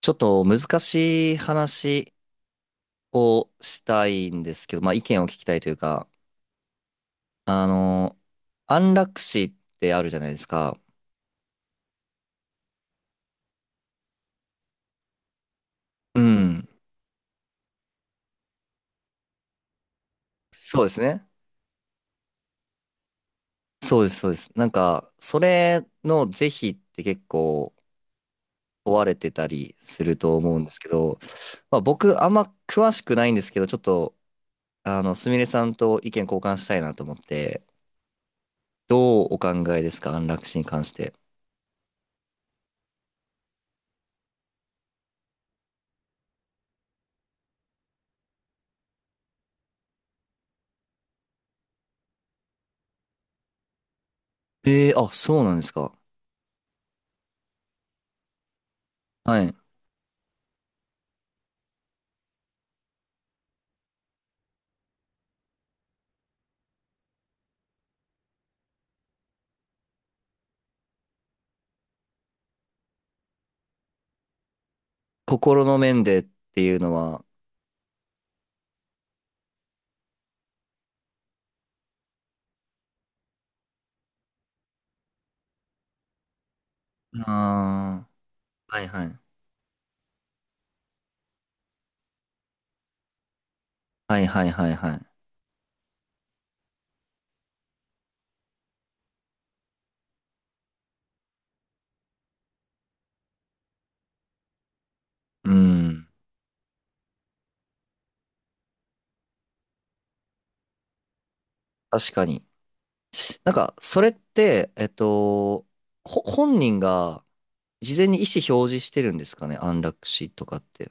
ちょっと難しい話をしたいんですけど、まあ意見を聞きたいというか、あの、安楽死ってあるじゃないですか。うん。そうですね。そうです、そうです。なんか、それの是非って結構問われてたりすると思うんですけど、まあ僕あんま詳しくないんですけど、ちょっと、すみれさんと意見交換したいなと思って、どうお考えですか、安楽死に関して。えー、あ、そうなんですか。はい。心の面でっていうのは、ああ、はいはい。はいはいはいはい。うん。確かに。なんか、それって、本人が事前に意思表示してるんですかね、安楽死とかって。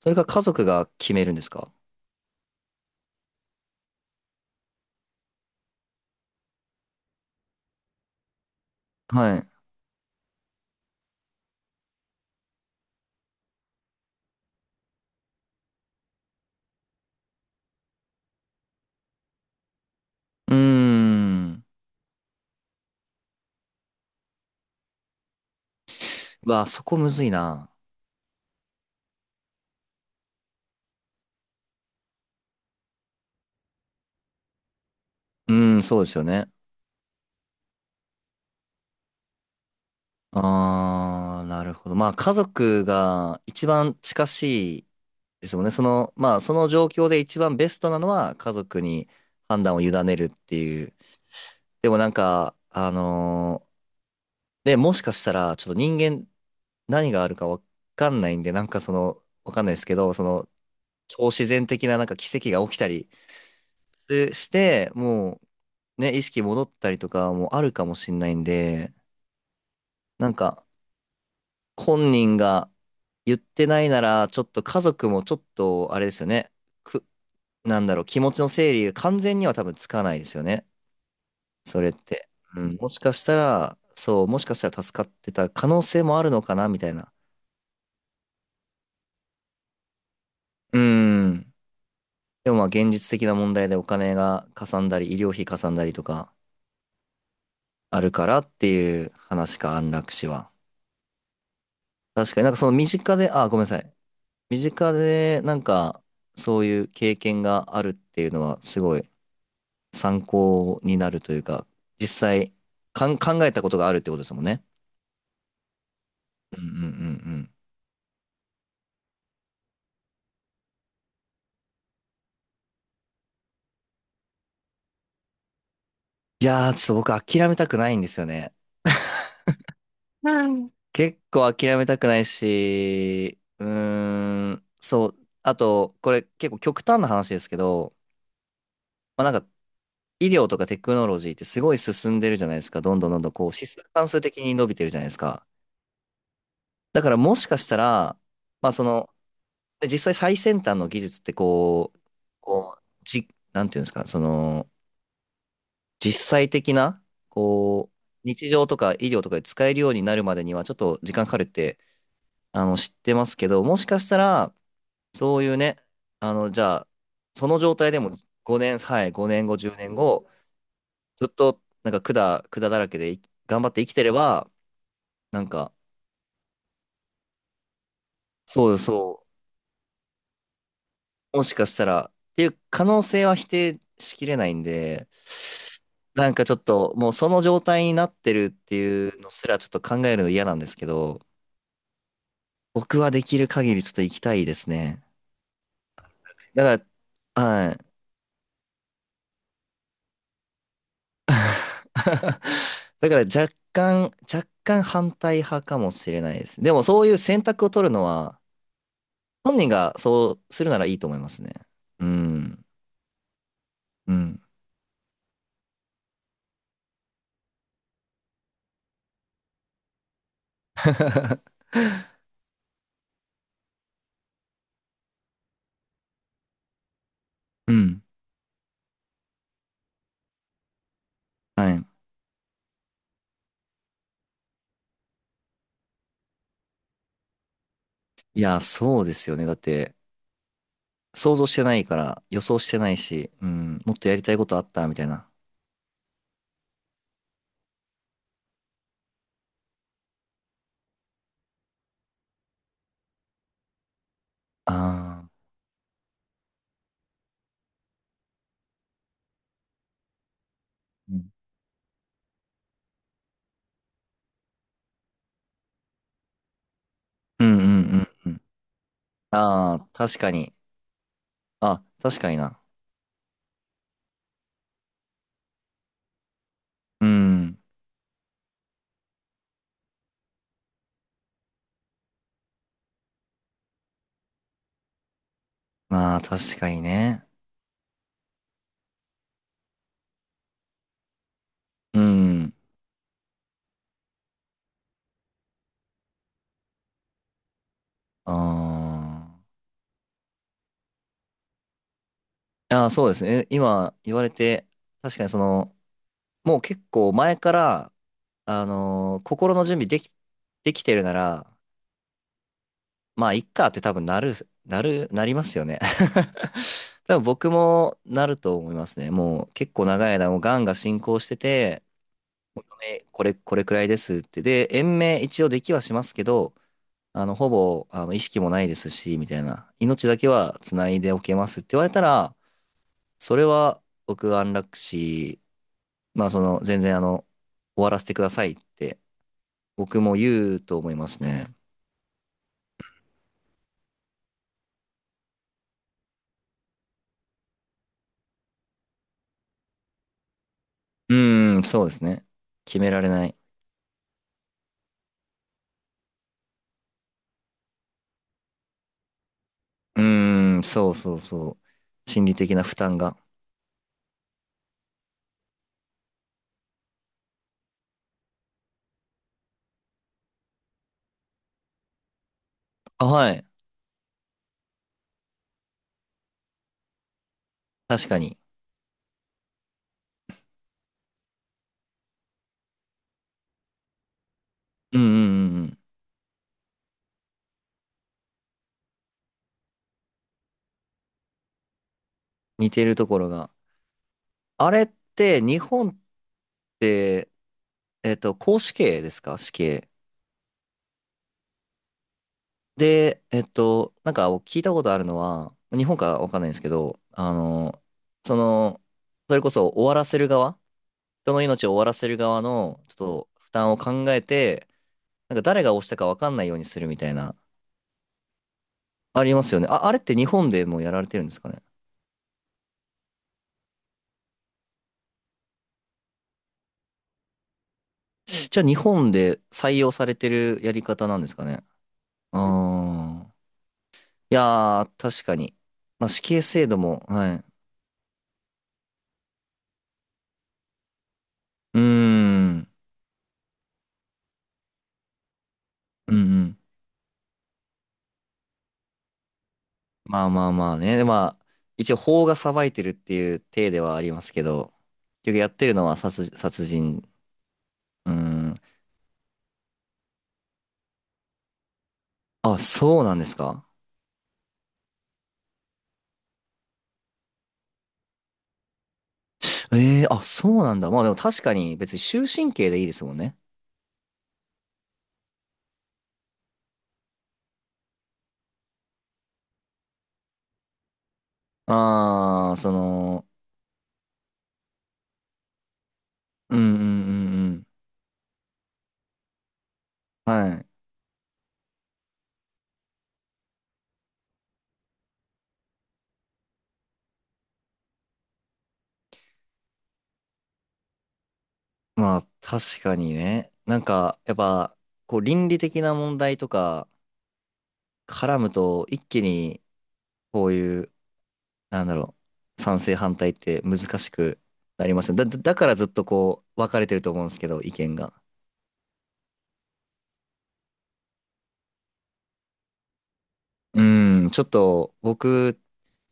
それか家族が決めるんですか。はい。うーん。うわあ、そこむずいな。うーん、そうですよね。ああ、なるほど。まあ、家族が一番近しいですもんね。その、まあ、その状況で一番ベストなのは家族に判断を委ねるっていう。でもなんか、で、もしかしたら、ちょっと人間何があるかわかんないんで、なんかその、わかんないですけど、その、超自然的ななんか奇跡が起きたりすして、もう、ね、意識戻ったりとかもあるかもしんないんで、なんか、本人が言ってないなら、ちょっと家族もちょっと、あれですよね。く、なんだろう、気持ちの整理が完全には多分つかないですよね。それって。うん、もしかしたら、そう、もしかしたら助かってた可能性もあるのかな、みたいな。うん。でもまあ現実的な問題でお金がかさんだり、医療費かさんだりとかあるからっていう話か、安楽死は。確かになんかその身近で、あ、ごめんなさい。身近でなんかそういう経験があるっていうのはすごい参考になるというか、実際考えたことがあるってことですもんね。うんうんうんうん。いやー、ちょっと僕諦めたくないんですよね。はい。結構諦めたくないし、うーん、そう。あと、これ結構極端な話ですけど、まあ、なんか医療とかテクノロジーってすごい進んでるじゃないですか。どんどんどんどんこう、指数関数的に伸びてるじゃないですか。だからもしかしたら、まあその、で実際最先端の技術ってこう、こう、じ、なんていうんですか、その、実際的な、こう、日常とか医療とかで使えるようになるまでにはちょっと時間かかるって、知ってますけど、もしかしたら、そういうね、じゃあ、その状態でも5年、はい、5年後、10年後、ずっと、なんか管だらけで頑張って生きてれば、なんか、そうそう、もしかしたら、っていう可能性は否定しきれないんで、なんかちょっともうその状態になってるっていうのすらちょっと考えるの嫌なんですけど、僕はできる限りちょっと行きたいですね。だから、はい。だから若干、若干反対派かもしれないです。でもそういう選択を取るのは、本人がそうするならいいと思いますね。うん。うん。うん。はい。いや、そうですよね。だって、想像してないから、予想してないし、うん、もっとやりたいことあったみたいな。ああ、うんうんうんうん。ああ、確かに。あ、確かにな。うん。まあ、確かにね。うん。ああ。ああ、そうですね。え今言われて、確かにその、もう結構前から、心の準備でき、できてるなら、まあ、いっかって多分なる、なる、なりますよね。多分僕もなると思いますね。もう結構長い間もうがんが進行してて、えこれ、これくらいですって。で、延命一応できはしますけど、ほぼ、意識もないですし、みたいな。命だけは繋いでおけますって言われたら、それは僕安楽死、まあその、全然あの、終わらせてくださいって僕も言うと思いますね。うーん、そうですね。決められない。うーん、そうそうそう。心理的な負担が。あ、はい。確かに。うんうんうんうん。似てるところが。あれって、日本って、絞死刑ですか死刑。で、えっと、なんか聞いたことあるのは、日本かわかんないんですけど、その、それこそ終わらせる側、人の命を終わらせる側の、ちょっと負担を考えて、なんか誰が押したかわかんないようにするみたいな、ありますよね。あ、あれって日本でもやられてるんですかね。じゃあ日本で採用されてるやり方なんですかね。ああー。いやー、確かに。まあ、死刑制度も、はい。うーん。うんうん。まあまあまあね。まあ、一応法が裁いてるっていう体ではありますけど、結局やってるのは殺人。うーん。あ、そうなんですか。ええー、あ、そうなんだ。まあでも確かに別に終身刑でいいですもんね。ああ、その、うんうんうんうん。はい。まあ確かにね。なんか、やっぱ、こう倫理的な問題とか絡むと一気にこういう、なんだろう、賛成反対って難しくなりますよね。だからずっとこう、分かれてると思うんですけど、意見が。うん、ちょっと僕、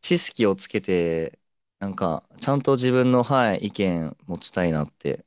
知識をつけて、なんか、ちゃんと自分の、はい、意見持ちたいなって